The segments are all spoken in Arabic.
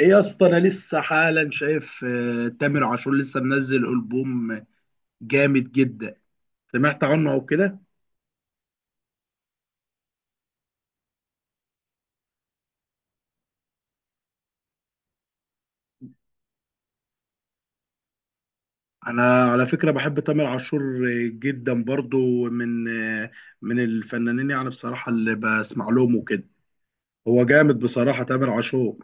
ايه يا اسطى، انا لسه حالا شايف تامر عاشور لسه منزل البوم جامد جدا. سمعت عنه او كده. انا على فكره بحب تامر عاشور جدا برضو آه، من الفنانين يعني بصراحه اللي بسمع لهم وكده. هو جامد بصراحه تامر عاشور.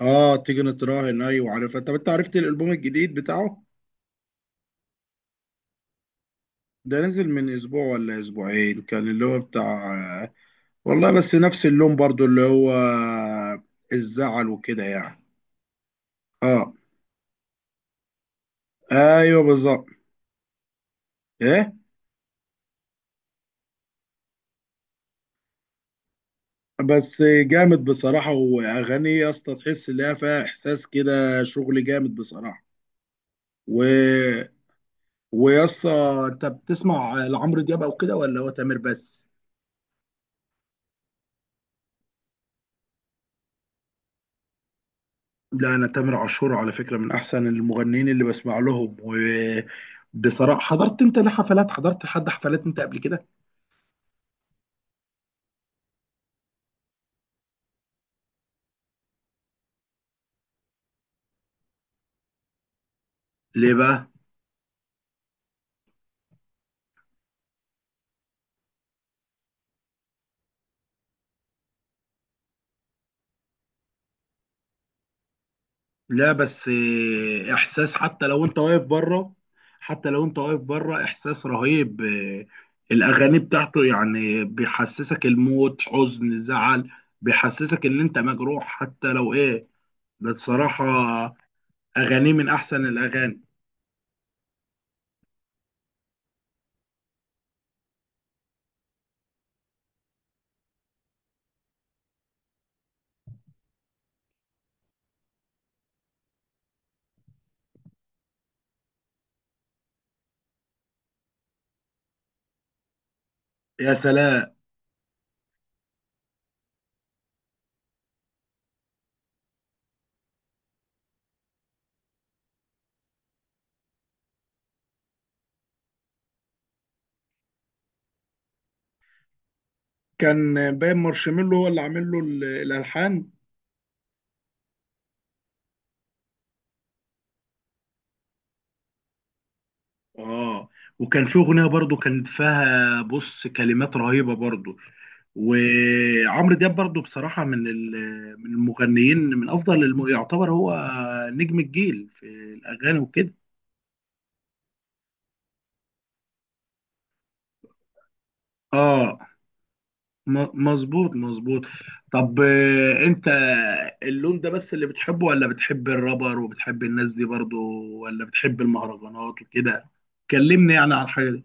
اه، تيجي نتراهن، ايوه عارفها. طب انت عرفت الالبوم الجديد بتاعه؟ ده نزل من اسبوع ولا اسبوعين كان اللي هو بتاع آه، والله بس نفس اللون برضو اللي هو الزعل وكده يعني. اه، ايوه بالظبط. ايه. بس جامد بصراحه، واغاني يا اسطى تحس ان هي فيها احساس كده، شغل جامد بصراحه. و ويا اسطى، انت بتسمع لعمرو دياب او كده، ولا هو تامر بس؟ لا، انا تامر عاشور على فكره من احسن المغنيين اللي بسمع لهم. وبصراحه، حضرت لحد حفلات انت قبل كده؟ ليه بقى؟ لا بس، احساس حتى لو انت واقف بره. حتى لو انت واقف بره احساس رهيب. الاغاني بتاعته يعني بيحسسك الموت، حزن، زعل. بيحسسك ان انت مجروح حتى لو ايه. ده بصراحة اغانيه من احسن الاغاني. يا سلام. كان باين مارشميلو هو اللي عامل له الالحان. اه، وكان في اغنيه برضو كان فيها بص كلمات رهيبه برضو. وعمرو دياب برضو بصراحه من المغنيين، يعتبر هو نجم الجيل في الاغاني وكده. اه، مظبوط مظبوط. طب، انت اللون ده بس اللي بتحبه، ولا بتحب الرابر وبتحب الناس دي برضو، ولا بتحب المهرجانات وكده؟ كلمني يعني عن الحاجه دي.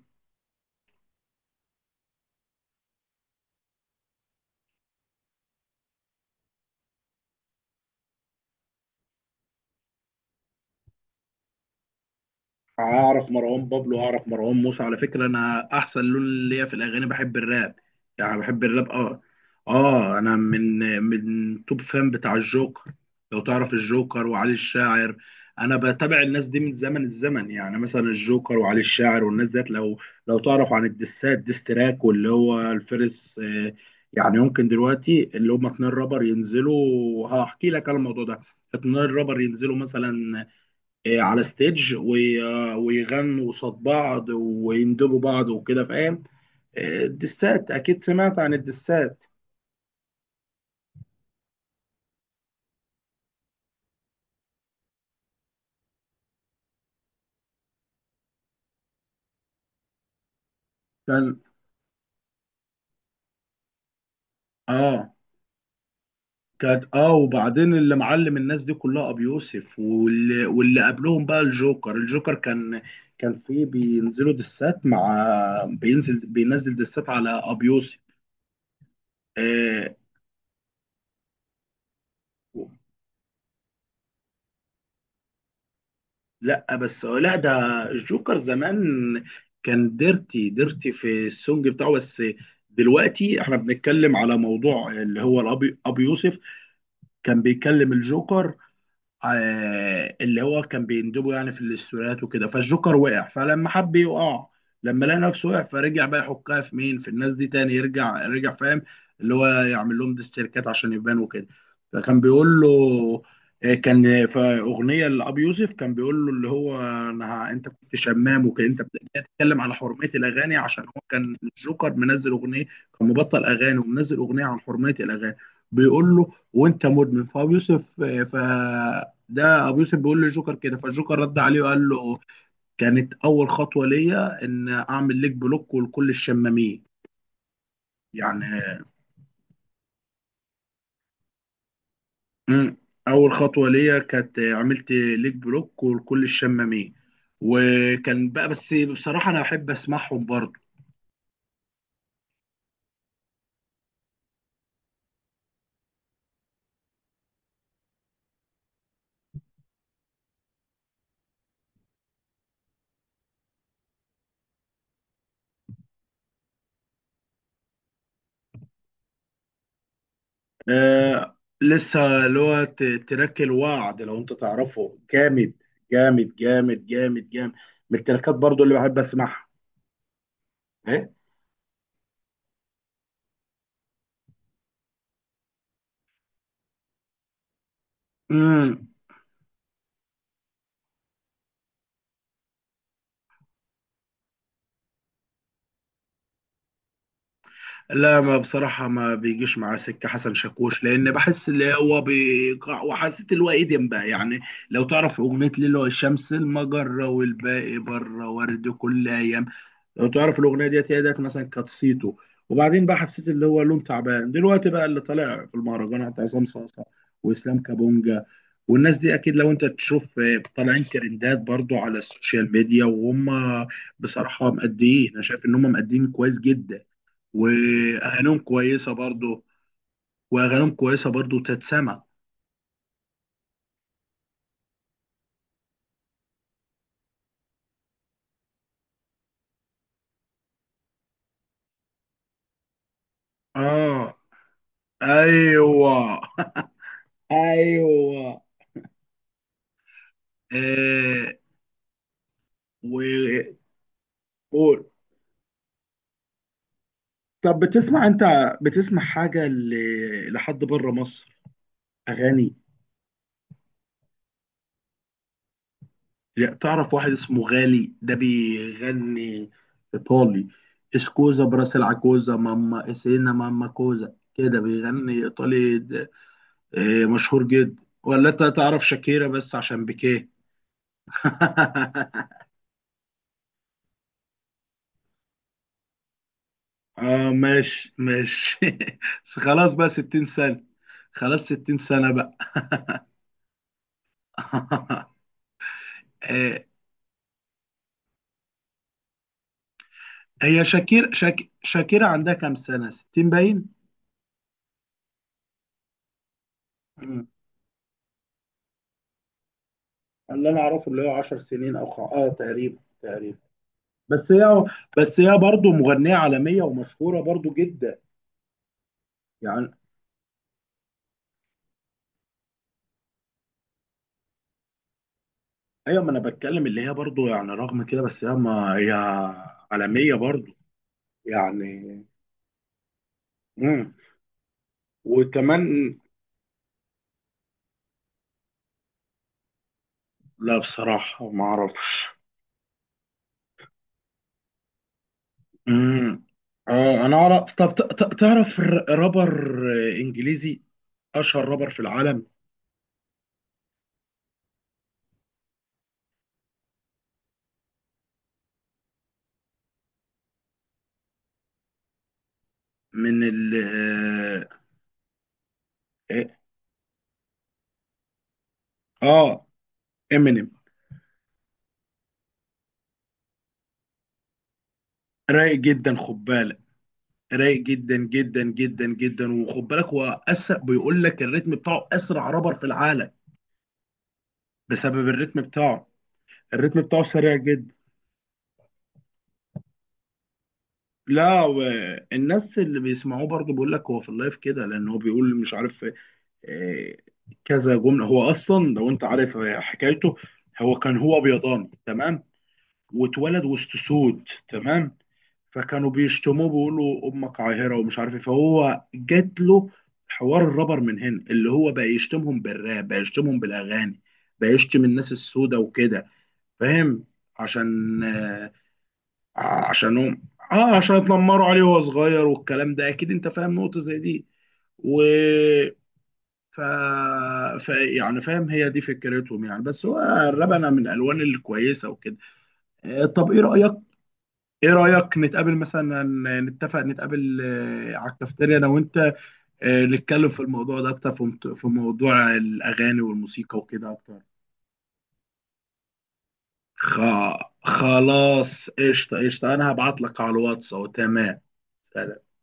اعرف مروان بابلو، اعرف مروان موسى. على فكره انا احسن لون ليا في الاغاني بحب الراب. يعني بحب الراب، اه. اه، انا من توب فان بتاع الجوكر، لو تعرف الجوكر وعلي الشاعر. انا بتابع الناس دي من زمن الزمن، يعني مثلا الجوكر وعلي الشاعر والناس ديت. لو لو تعرف عن الدسات، ديستراك واللي هو الفرس. يعني يمكن دلوقتي اللي هم اتنين رابر ينزلوا، هحكي لك على الموضوع ده. اتنين رابر ينزلوا مثلا، على ستيج ويغنوا قصاد بعض ويندبوا بعض وكده، فاهم؟ الدسات اكيد سمعت عن الدسات. كان اه كانت اه وبعدين اللي معلم الناس دي كلها ابو يوسف، واللي قبلهم بقى الجوكر كان كان فيه بينزلوا دسات مع بينزل دسات على ابو يوسف. آه لا، بس لا، ده الجوكر زمان كان ديرتي ديرتي في السونج بتاعه بس. دلوقتي احنا بنتكلم على موضوع اللي هو ابو يوسف كان بيكلم الجوكر، اللي هو كان بيندبه يعني في الاستوريات وكده، فالجوكر وقع، فلما حب يقع، لما لقى نفسه وقع، فرجع بقى يحكها في مين، في الناس دي تاني رجع، فاهم؟ اللي هو يعمل لهم ديسيركات عشان يبان وكده. فكان بيقول له، كان في اغنيه لابي يوسف كان بيقول له اللي هو، انت كنت شمام وكده، انت بتتكلم على حرميه الاغاني، عشان هو كان الجوكر منزل اغنيه، كان مبطل اغاني ومنزل اغنيه عن حرميه الاغاني. بيقول له: وانت مدمن، فابي يوسف. آه، ف ده ابو يوسف بيقول للجوكر كده، فالجوكر رد عليه وقال له: كانت اول خطوه ليا ان اعمل ليك بلوك ولكل الشمامين. يعني. مم. اول خطوه ليا كانت عملت ليك بلوك ولكل الشمامين. وكان بقى، بس بصراحه انا احب اسمعهم برضه. لسه اللي هو تراك الوعد، لو انت تعرفه جامد. جامد جامد جامد جامد. من التراكات برضه اللي بحب اسمعها. إيه؟ لا، ما بصراحة ما بيجيش معاه سكة حسن شاكوش، لأن بحس اللي هو بيقع، وحسيت اللي هو إيدم بقى يعني. لو تعرف أغنية ليلو الشمس، المجرة، والباقي بره، ورد كل أيام. لو تعرف الأغنية ديت، هي ديت مثلا كانت صيته. وبعدين بقى حسيت اللي هو لون تعبان. دلوقتي بقى اللي طالع في المهرجانات عصام صاصة وإسلام كابونجا. والناس دي أكيد لو أنت تشوف طالعين ترندات برضو على السوشيال ميديا، وهم بصراحة مأديين. أنا شايف إن هم مأديين كويس جدا، واغانيهم كويسه برضو. واغانيهم كويسه برضو تتسمع. اه، ايوه. ايوه. آه و قول. طب، بتسمع انت، بتسمع حاجه لحد بره مصر اغاني؟ لا، تعرف واحد اسمه غالي ده بيغني ايطالي؟ اسكوزا براس العكوزا ماما اسينا ماما كوزا، كده بيغني ايطالي مشهور جدا. ولا انت تعرف شاكيرا، بس عشان بيكيه؟ اه، ماشي ماشي. بس خلاص بقى 60 سنة. خلاص 60 سنة بقى. آه، هي شاكيرة عندها كام سنة، 60 باين؟ مم. اللي انا اعرفه اللي هو 10 سنين، او تقريبا تقريبا. بس هي، برضو مغنية عالمية ومشهورة برضو جدا يعني. ايوه، ما انا بتكلم اللي هي برضو يعني، رغم كده، بس هي ما هي عالمية برضو يعني. مم. وكمان. لا، بصراحة ما أعرفش. امم. آه، أنا أعرف. طب تعرف رابر إنجليزي، أشهر رابر في العالم؟ من ال آه آه، آه، إمينيم. رايق جدا، خد بالك. رايق جدا جدا جدا جدا، وخد بالك هو أسرع، بيقول لك الريتم بتاعه أسرع رابر في العالم، بسبب الريتم بتاعه. الريتم بتاعه سريع جدا. لا، والناس اللي بيسمعوه برضه بيقول لك هو في اللايف كده، لأن هو بيقول مش عارف آه، كذا جمله. هو اصلا، لو انت عارف حكايته، هو بيضاني تمام، واتولد وسط سود، تمام. فكانوا بيشتموه بيقولوا امك عاهره ومش عارف ايه، فهو جات له حوار الرابر من هنا، اللي هو بقى يشتمهم بالراب، بقى يشتمهم بالاغاني، بقى يشتم الناس السودة وكده، فاهم؟ عشان آه، عشان هم اه عشان اتنمروا عليه وهو صغير، والكلام ده اكيد انت فاهم نقطه زي دي. و... ف... ف يعني فاهم، هي دي فكرتهم يعني، بس هو الربنه من الالوان الكويسه وكده. طب ايه رايك؟ ايه رايك نتقابل مثلا، نتفق نتقابل على الكافتيريا انا وانت، نتكلم في الموضوع ده اكتر، في موضوع الاغاني والموسيقى وكده اكتر. خ... خلاص، قشطه قشطه، انا هبعت لك على الواتس أهو. تمام. سلام.